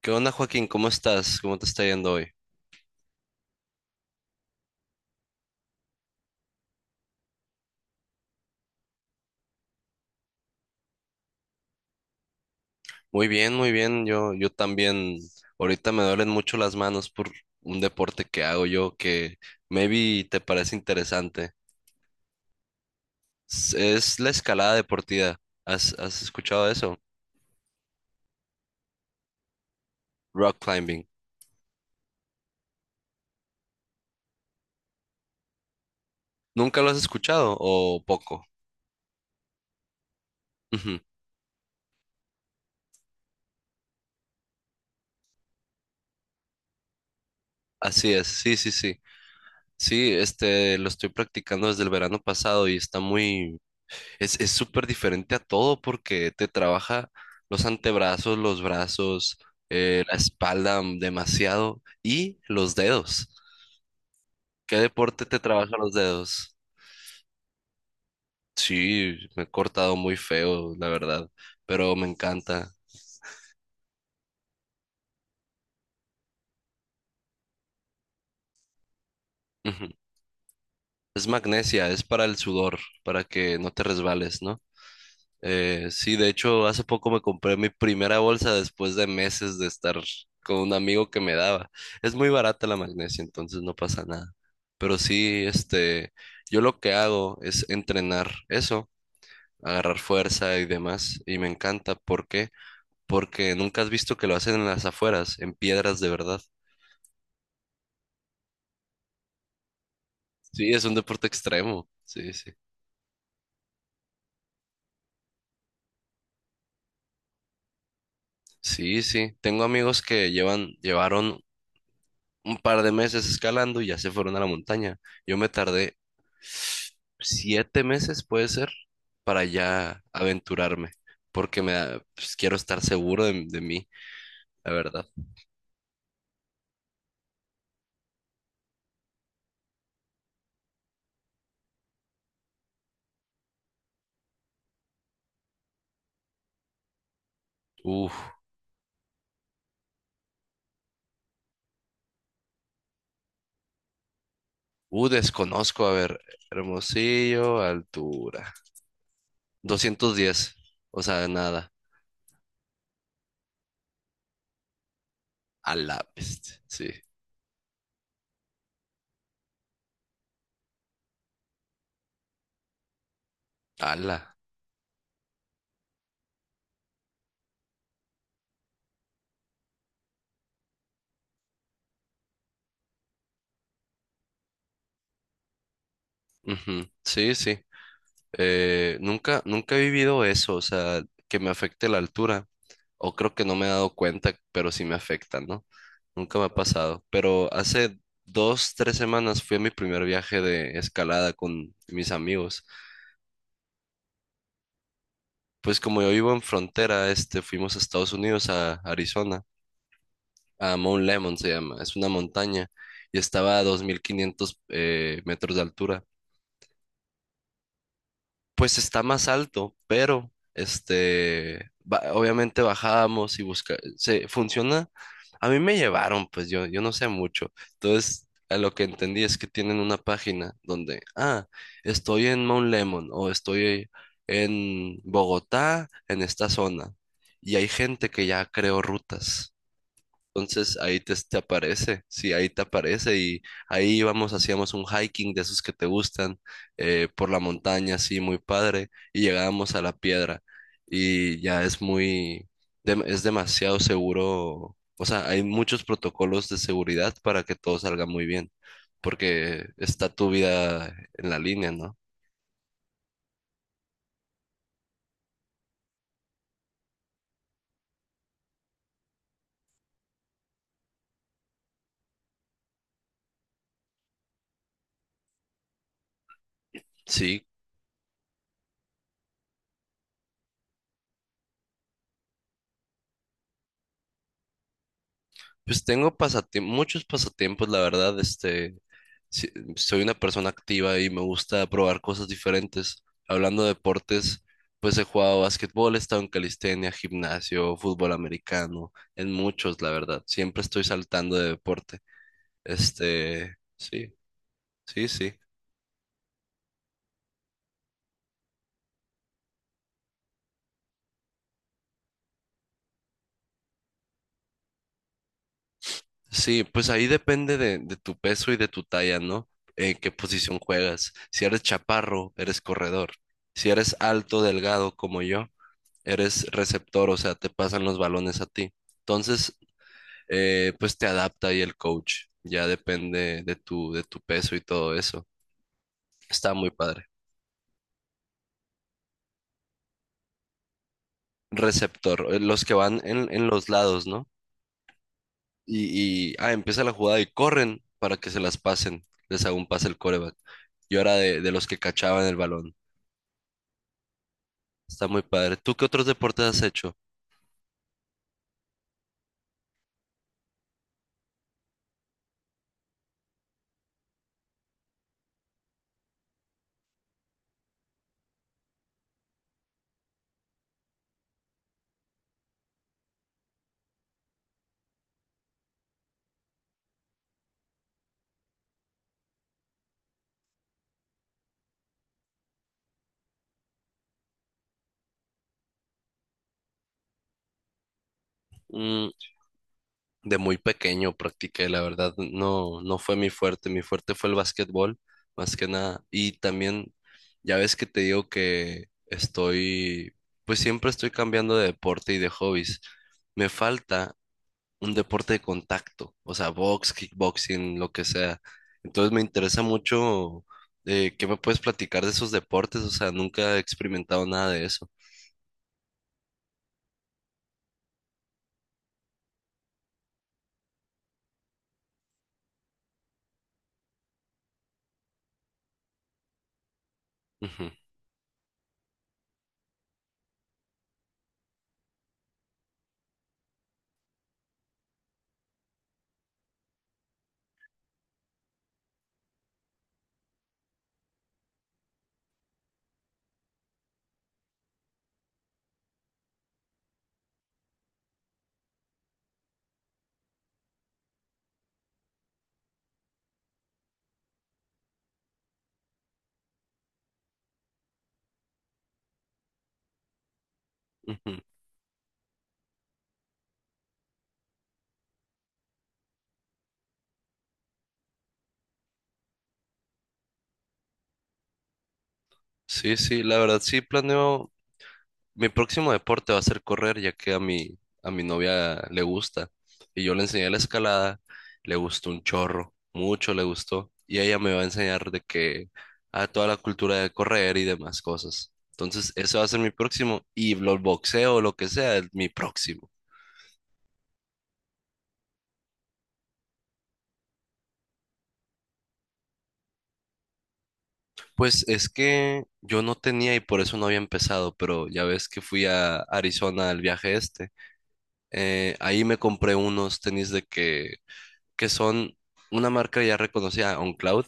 ¿Qué onda, Joaquín? ¿Cómo estás? ¿Cómo te está yendo hoy? Muy bien, muy bien. Yo también, ahorita me duelen mucho las manos por un deporte que hago yo que maybe te parece interesante. Es la escalada deportiva. ¿Has escuchado eso? Rock climbing. ¿Nunca lo has escuchado o poco? Ujú. Así es, sí, sí, sí. Sí, este, lo estoy practicando desde el verano pasado y está muy. Es súper diferente a todo porque te trabaja los antebrazos, los brazos, la espalda demasiado y los dedos. ¿Qué deporte te trabaja los dedos? Sí, me he cortado muy feo, la verdad, pero me encanta. Ujú. Es magnesia, es para el sudor, para que no te resbales, ¿no? Sí, de hecho, hace poco me compré mi primera bolsa después de meses de estar con un amigo que me daba. Es muy barata la magnesia, entonces no pasa nada. Pero sí, este, yo lo que hago es entrenar eso, agarrar fuerza y demás, y me encanta. ¿Por qué? Porque nunca has visto que lo hacen en las afueras, en piedras de verdad. Sí, es un deporte extremo. Sí, sí. Sí, sí. Tengo amigos que llevaron un par de meses escalando y ya se fueron a la montaña. Yo me tardé 7 meses, puede ser, para ya aventurarme, porque pues, quiero estar seguro de mí, la verdad. Uf, desconozco, a ver, Hermosillo, altura, 210, o sea, nada, a la bestia, sí, a la, ujú, sí, sí. Nunca he vivido eso, o sea, que me afecte la altura, o creo que no me he dado cuenta, pero sí me afecta, ¿no? Nunca me ha pasado, pero hace dos, tres semanas fui a mi primer viaje de escalada con mis amigos. Pues como yo vivo en frontera, este, fuimos a Estados Unidos, a Arizona, a Mount Lemon se llama, es una montaña, y estaba a 2.500 metros de altura. Pues está más alto, pero este, obviamente bajábamos y busca, se funciona. A mí me llevaron, pues yo no sé mucho. Entonces, a lo que entendí es que tienen una página donde, estoy en Mount Lemon o estoy en Bogotá, en esta zona. Y hay gente que ya creó rutas. Entonces ahí te aparece, sí, ahí te aparece y ahí íbamos, hacíamos un hiking de esos que te gustan por la montaña, sí, muy padre, y llegábamos a la piedra y ya es es demasiado seguro, o sea, hay muchos protocolos de seguridad para que todo salga muy bien, porque está tu vida en la línea, ¿no? Sí, pues tengo muchos pasatiempos, la verdad, este, sí, soy una persona activa y me gusta probar cosas diferentes. Hablando de deportes, pues he jugado básquetbol, he estado en calistenia, gimnasio, fútbol americano, en muchos, la verdad. Siempre estoy saltando de deporte. Este, sí, sí, sí. Sí, pues ahí depende de tu peso y de tu talla, ¿no? En qué posición juegas. Si eres chaparro, eres corredor. Si eres alto, delgado como yo, eres receptor, o sea, te pasan los balones a ti. Entonces, pues te adapta ahí el coach. Ya depende de tu peso y todo eso. Está muy padre. Receptor, los que van en los lados, ¿no? Y empieza la jugada y corren para que se las pasen. Les hago un pase el coreback. Yo era de los que cachaban el balón. Está muy padre. ¿Tú qué otros deportes has hecho? Mm, De muy pequeño practiqué, la verdad, no, no fue mi fuerte fue el básquetbol, más que nada. Y también, ya ves que te digo que estoy, pues siempre estoy cambiando de deporte y de hobbies. Me falta un deporte de contacto, o sea, box, kickboxing, lo que sea. Entonces me interesa mucho, ¿qué me puedes platicar de esos deportes? O sea, nunca he experimentado nada de eso. Ujú, ujú. Sí, sí, la verdad sí planeo. Mi próximo deporte va a ser correr, ya que a mi novia le gusta. Y yo le enseñé la escalada, le gustó un chorro, mucho le gustó. Y ella me va a enseñar de que a toda la cultura de correr y demás cosas. Entonces, eso va a ser mi próximo. Y los boxeo, lo que sea, es mi próximo. Pues es que yo no tenía y por eso no había empezado, pero ya ves que fui a Arizona al viaje este. Ahí me compré unos tenis que son una marca ya reconocida, OnCloud,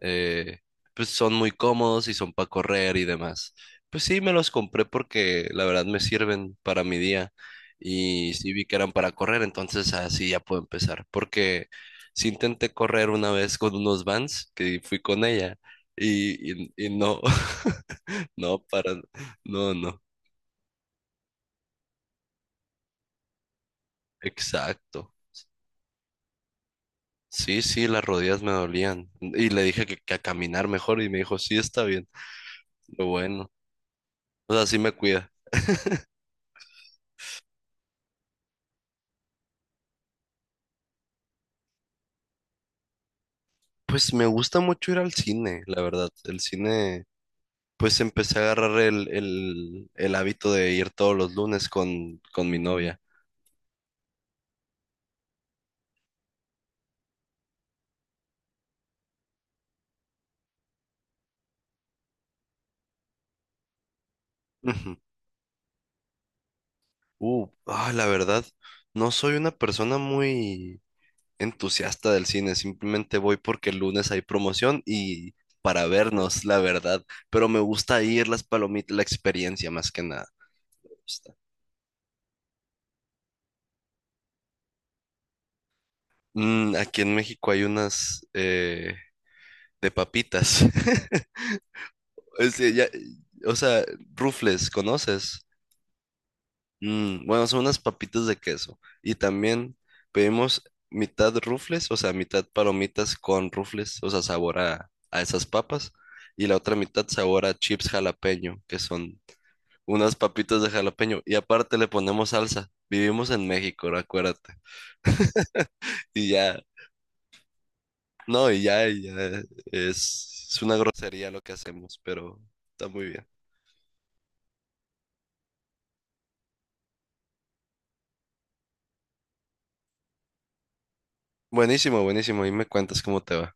eh, pues son muy cómodos y son para correr y demás. Pues sí, me los compré porque la verdad me sirven para mi día y sí vi que eran para correr, entonces así ya puedo empezar. Porque sí intenté correr una vez con unos Vans que fui con ella y no, no, para, no, no, exacto. Sí, sí, las rodillas me dolían. Y le dije que a caminar mejor y me dijo, sí, está bien, lo bueno. O sea, sí me cuida. Pues me gusta mucho ir al cine, la verdad. El cine, pues empecé a agarrar el hábito de ir todos los lunes con mi novia. Ujú. La verdad, no soy una persona muy entusiasta del cine, simplemente voy porque el lunes hay promoción y para vernos, la verdad. Pero me gusta ir, las palomitas, la experiencia más que nada. Me gusta. Aquí en México hay unas de papitas. Es que o sea, rufles, ¿conoces? Bueno, son unas papitas de queso. Y también pedimos mitad rufles, o sea, mitad palomitas con rufles, o sea, sabor a esas papas. Y la otra mitad sabor a chips jalapeño, que son unas papitas de jalapeño. Y aparte le ponemos salsa. Vivimos en México, acuérdate. Y ya, no, y ya es una grosería lo que hacemos, pero está muy bien. Buenísimo, buenísimo. Y me cuentas cómo te va.